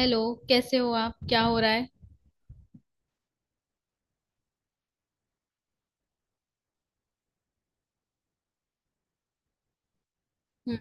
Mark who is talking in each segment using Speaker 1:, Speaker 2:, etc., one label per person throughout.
Speaker 1: Hello. कैसे हो आप, क्या हो रहा है? हम्म,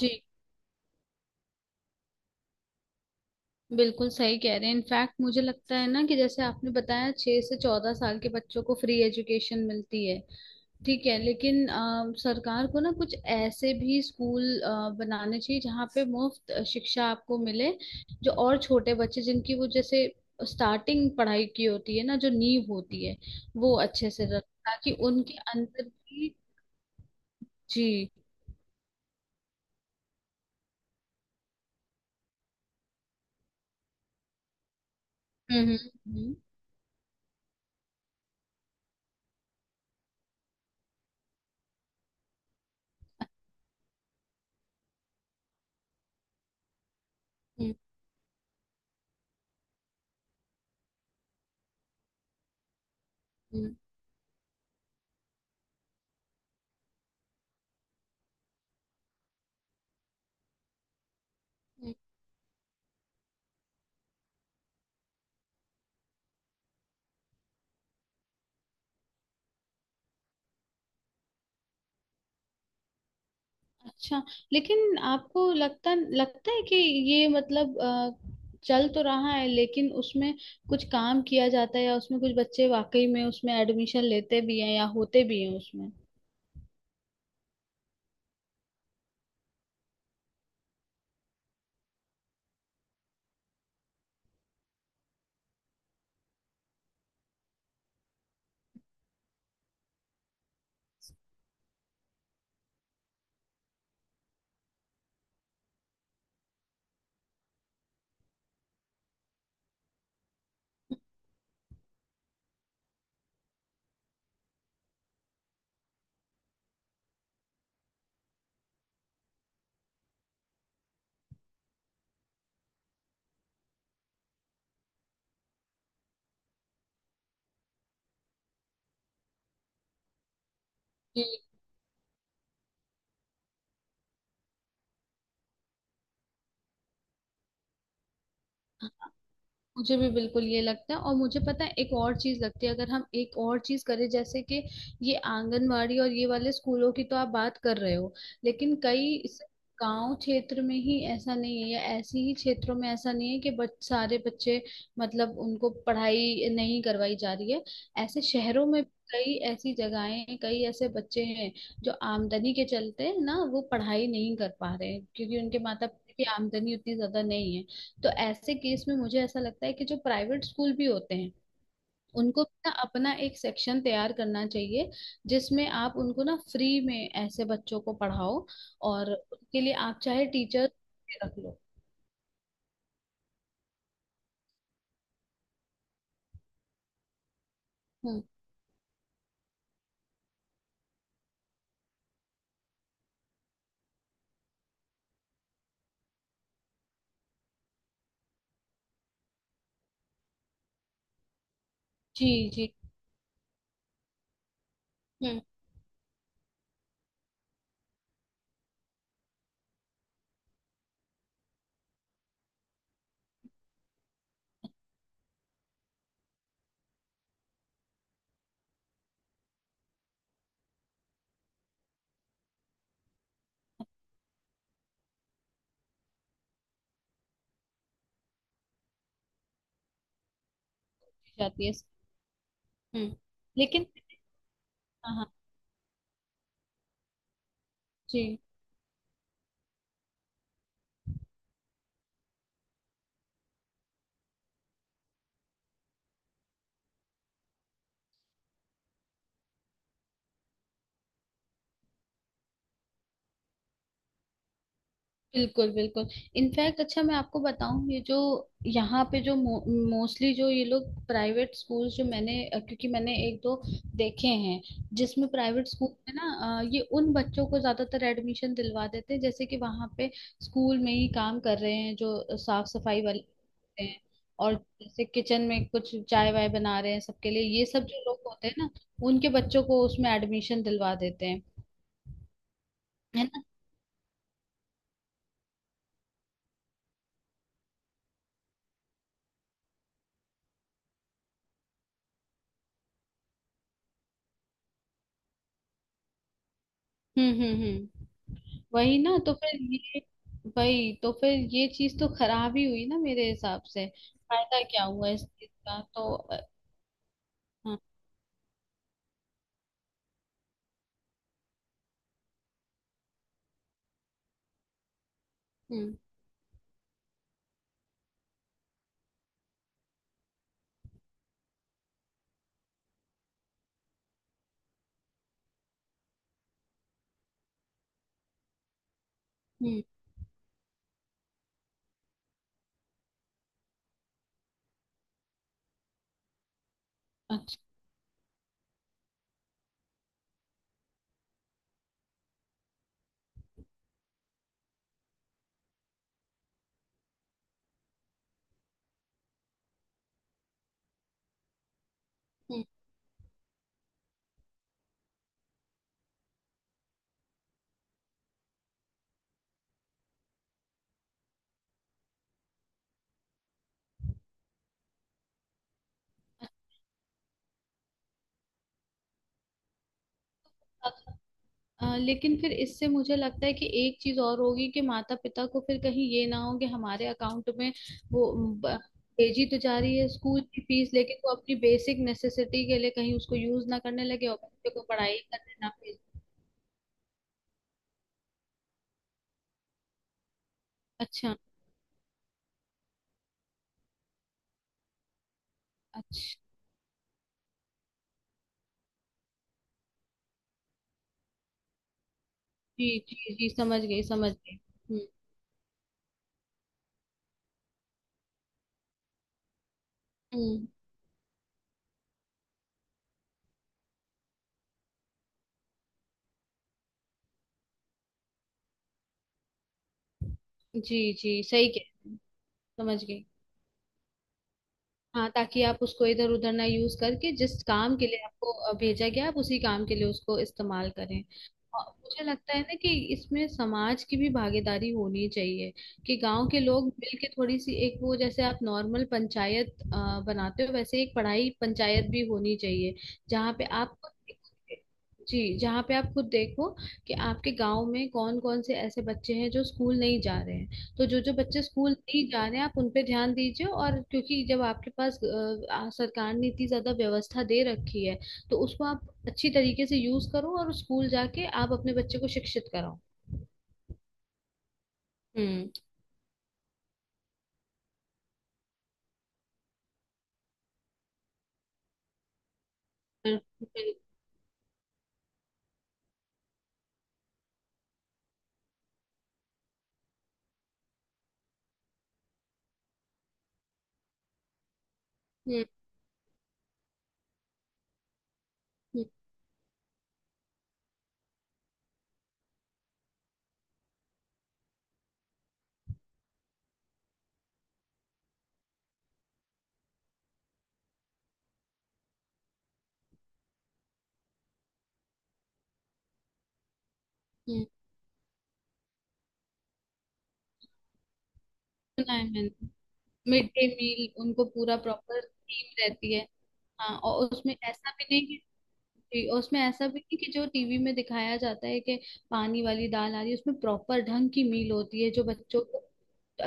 Speaker 1: जी, बिल्कुल सही कह रहे हैं। इनफैक्ट मुझे लगता है ना कि जैसे आपने बताया 6 से 14 साल के बच्चों को फ्री एजुकेशन मिलती है। ठीक है, लेकिन सरकार को ना कुछ ऐसे भी स्कूल बनाने चाहिए जहाँ पे मुफ्त शिक्षा आपको मिले। जो और छोटे बच्चे जिनकी वो जैसे स्टार्टिंग पढ़ाई की होती है ना, जो नींव होती है वो अच्छे से रख, ताकि उनके अंदर भी। जी। हम्म, हम्म, हम्म, हम्म, हम्म, हम्म। अच्छा। लेकिन आपको लगता लगता है कि ये मतलब चल तो रहा है, लेकिन उसमें कुछ काम किया जाता है या उसमें कुछ बच्चे वाकई में उसमें एडमिशन लेते भी हैं या होते भी हैं उसमें? जी, मुझे भी बिल्कुल ये लगता है। और मुझे पता है एक और चीज लगती है, अगर हम एक और चीज करें जैसे कि ये आंगनवाड़ी और ये वाले स्कूलों की तो आप बात कर रहे हो। लेकिन कई इस गांव क्षेत्र में ही ऐसा नहीं है, या ऐसी ही क्षेत्रों में ऐसा नहीं है कि सारे बच्चे मतलब उनको पढ़ाई नहीं करवाई जा रही है। ऐसे शहरों में कई ऐसी जगहें हैं, कई ऐसे बच्चे हैं जो आमदनी के चलते ना वो पढ़ाई नहीं कर पा रहे हैं, क्योंकि उनके माता पिता की आमदनी उतनी ज्यादा नहीं है। तो ऐसे केस में मुझे ऐसा लगता है कि जो प्राइवेट स्कूल भी होते हैं, उनको ना अपना एक सेक्शन तैयार करना चाहिए जिसमें आप उनको ना फ्री में ऐसे बच्चों को पढ़ाओ और उनके लिए आप चाहे टीचर रख लो। हम्म। जी, जी। हम्म। जाती है। हम्म। लेकिन हाँ, हाँ। जी, बिल्कुल बिल्कुल। इनफैक्ट अच्छा मैं आपको बताऊं, ये जो यहाँ पे जो मोस्टली जो ये लोग प्राइवेट स्कूल जो मैंने क्योंकि मैंने एक दो देखे हैं, जिसमें प्राइवेट स्कूल में ना ये उन बच्चों को ज्यादातर एडमिशन दिलवा देते हैं जैसे कि वहां पे स्कूल में ही काम कर रहे हैं जो साफ सफाई वाले होते हैं। और जैसे किचन में कुछ चाय वाय बना रहे हैं सबके लिए, ये सब जो लोग होते हैं ना, उनके बच्चों को उसमें एडमिशन दिलवा देते हैं। है ना? हम्म, हम्म, हम्म। वही ना, तो फिर ये, वही तो फिर ये चीज तो खराब ही हुई ना मेरे हिसाब से। फायदा क्या हुआ इस चीज का? तो हाँ, हम्म, हम्म। अच्छा। हम्म। अच्छा, लेकिन फिर इससे मुझे लगता है कि एक चीज और होगी कि माता पिता को फिर कहीं ये ना हो कि हमारे अकाउंट में वो ब- भेजी तो जा रही है स्कूल की फीस, लेकिन वो अपनी बेसिक नेसेसिटी के लिए कहीं उसको यूज ना करने लगे और बच्चे को पढ़ाई करने ना भेज। अच्छा। अच्छा। जी, जी, जी, समझ गई, समझ गई। हम्म। हम्म। जी, जी, सही कह रहे हैं। समझ गई। हाँ, ताकि आप उसको इधर उधर ना यूज करके जिस काम के लिए आपको भेजा गया आप उसी काम के लिए उसको इस्तेमाल करें। और मुझे लगता है ना कि इसमें समाज की भी भागीदारी होनी चाहिए कि गांव के लोग मिलके थोड़ी सी एक वो जैसे आप नॉर्मल पंचायत बनाते हो वैसे एक पढ़ाई पंचायत भी होनी चाहिए जहाँ पे आप, जी, जहाँ पे आप खुद देखो कि आपके गांव में कौन कौन से ऐसे बच्चे हैं जो स्कूल नहीं जा रहे हैं। तो जो जो बच्चे स्कूल नहीं जा रहे हैं आप उन पे ध्यान दीजिए और क्योंकि जब आपके पास सरकार ने इतनी ज्यादा व्यवस्था दे रखी है, तो उसको आप अच्छी तरीके से यूज करो और स्कूल जाके आप अपने बच्चे को शिक्षित कराओ। हम्म। और फिर- हम्म, हम्म, हम्म। सुना है मैंने। मिड डे मील, उनको पूरा प्रॉपर थीम रहती है। हाँ, और उसमें ऐसा भी नहीं। जी, और उसमें ऐसा भी नहीं कि जो टीवी में दिखाया जाता है कि पानी वाली दाल आ रही है, उसमें प्रॉपर ढंग की मील होती है जो बच्चों को।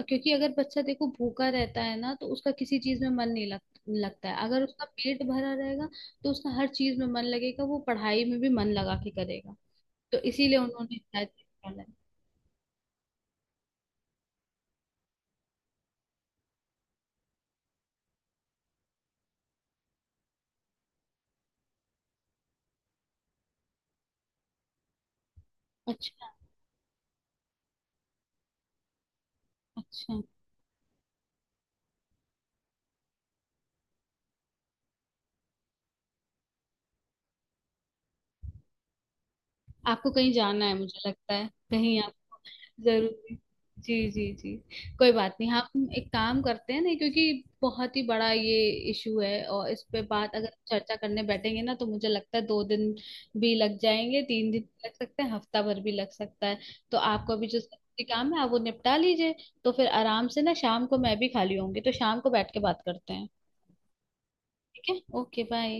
Speaker 1: क्योंकि अगर बच्चा देखो भूखा रहता है ना तो उसका किसी चीज में मन नहीं लगता है। अगर उसका पेट भरा रहेगा तो उसका हर चीज में मन लगेगा, वो पढ़ाई में भी मन लगा के करेगा। तो इसीलिए उन्होंने शायद ये डाला है। अच्छा, अच्छा। आपको कहीं जाना है मुझे लगता है, कहीं आपको जरूरी। जी, जी, जी। कोई बात नहीं, हम एक काम करते हैं ना क्योंकि बहुत ही बड़ा ये इशू है और इस पे बात अगर चर्चा करने बैठेंगे ना तो मुझे लगता है 2 दिन भी लग जाएंगे, 3 दिन भी लग सकते हैं, हफ्ता भर भी लग सकता है। तो आपको अभी जो जरूरी काम है आप वो निपटा लीजिए, तो फिर आराम से ना, शाम को मैं भी खाली होंगी तो शाम को बैठ के बात करते हैं। ठीक है, ओके, बाय।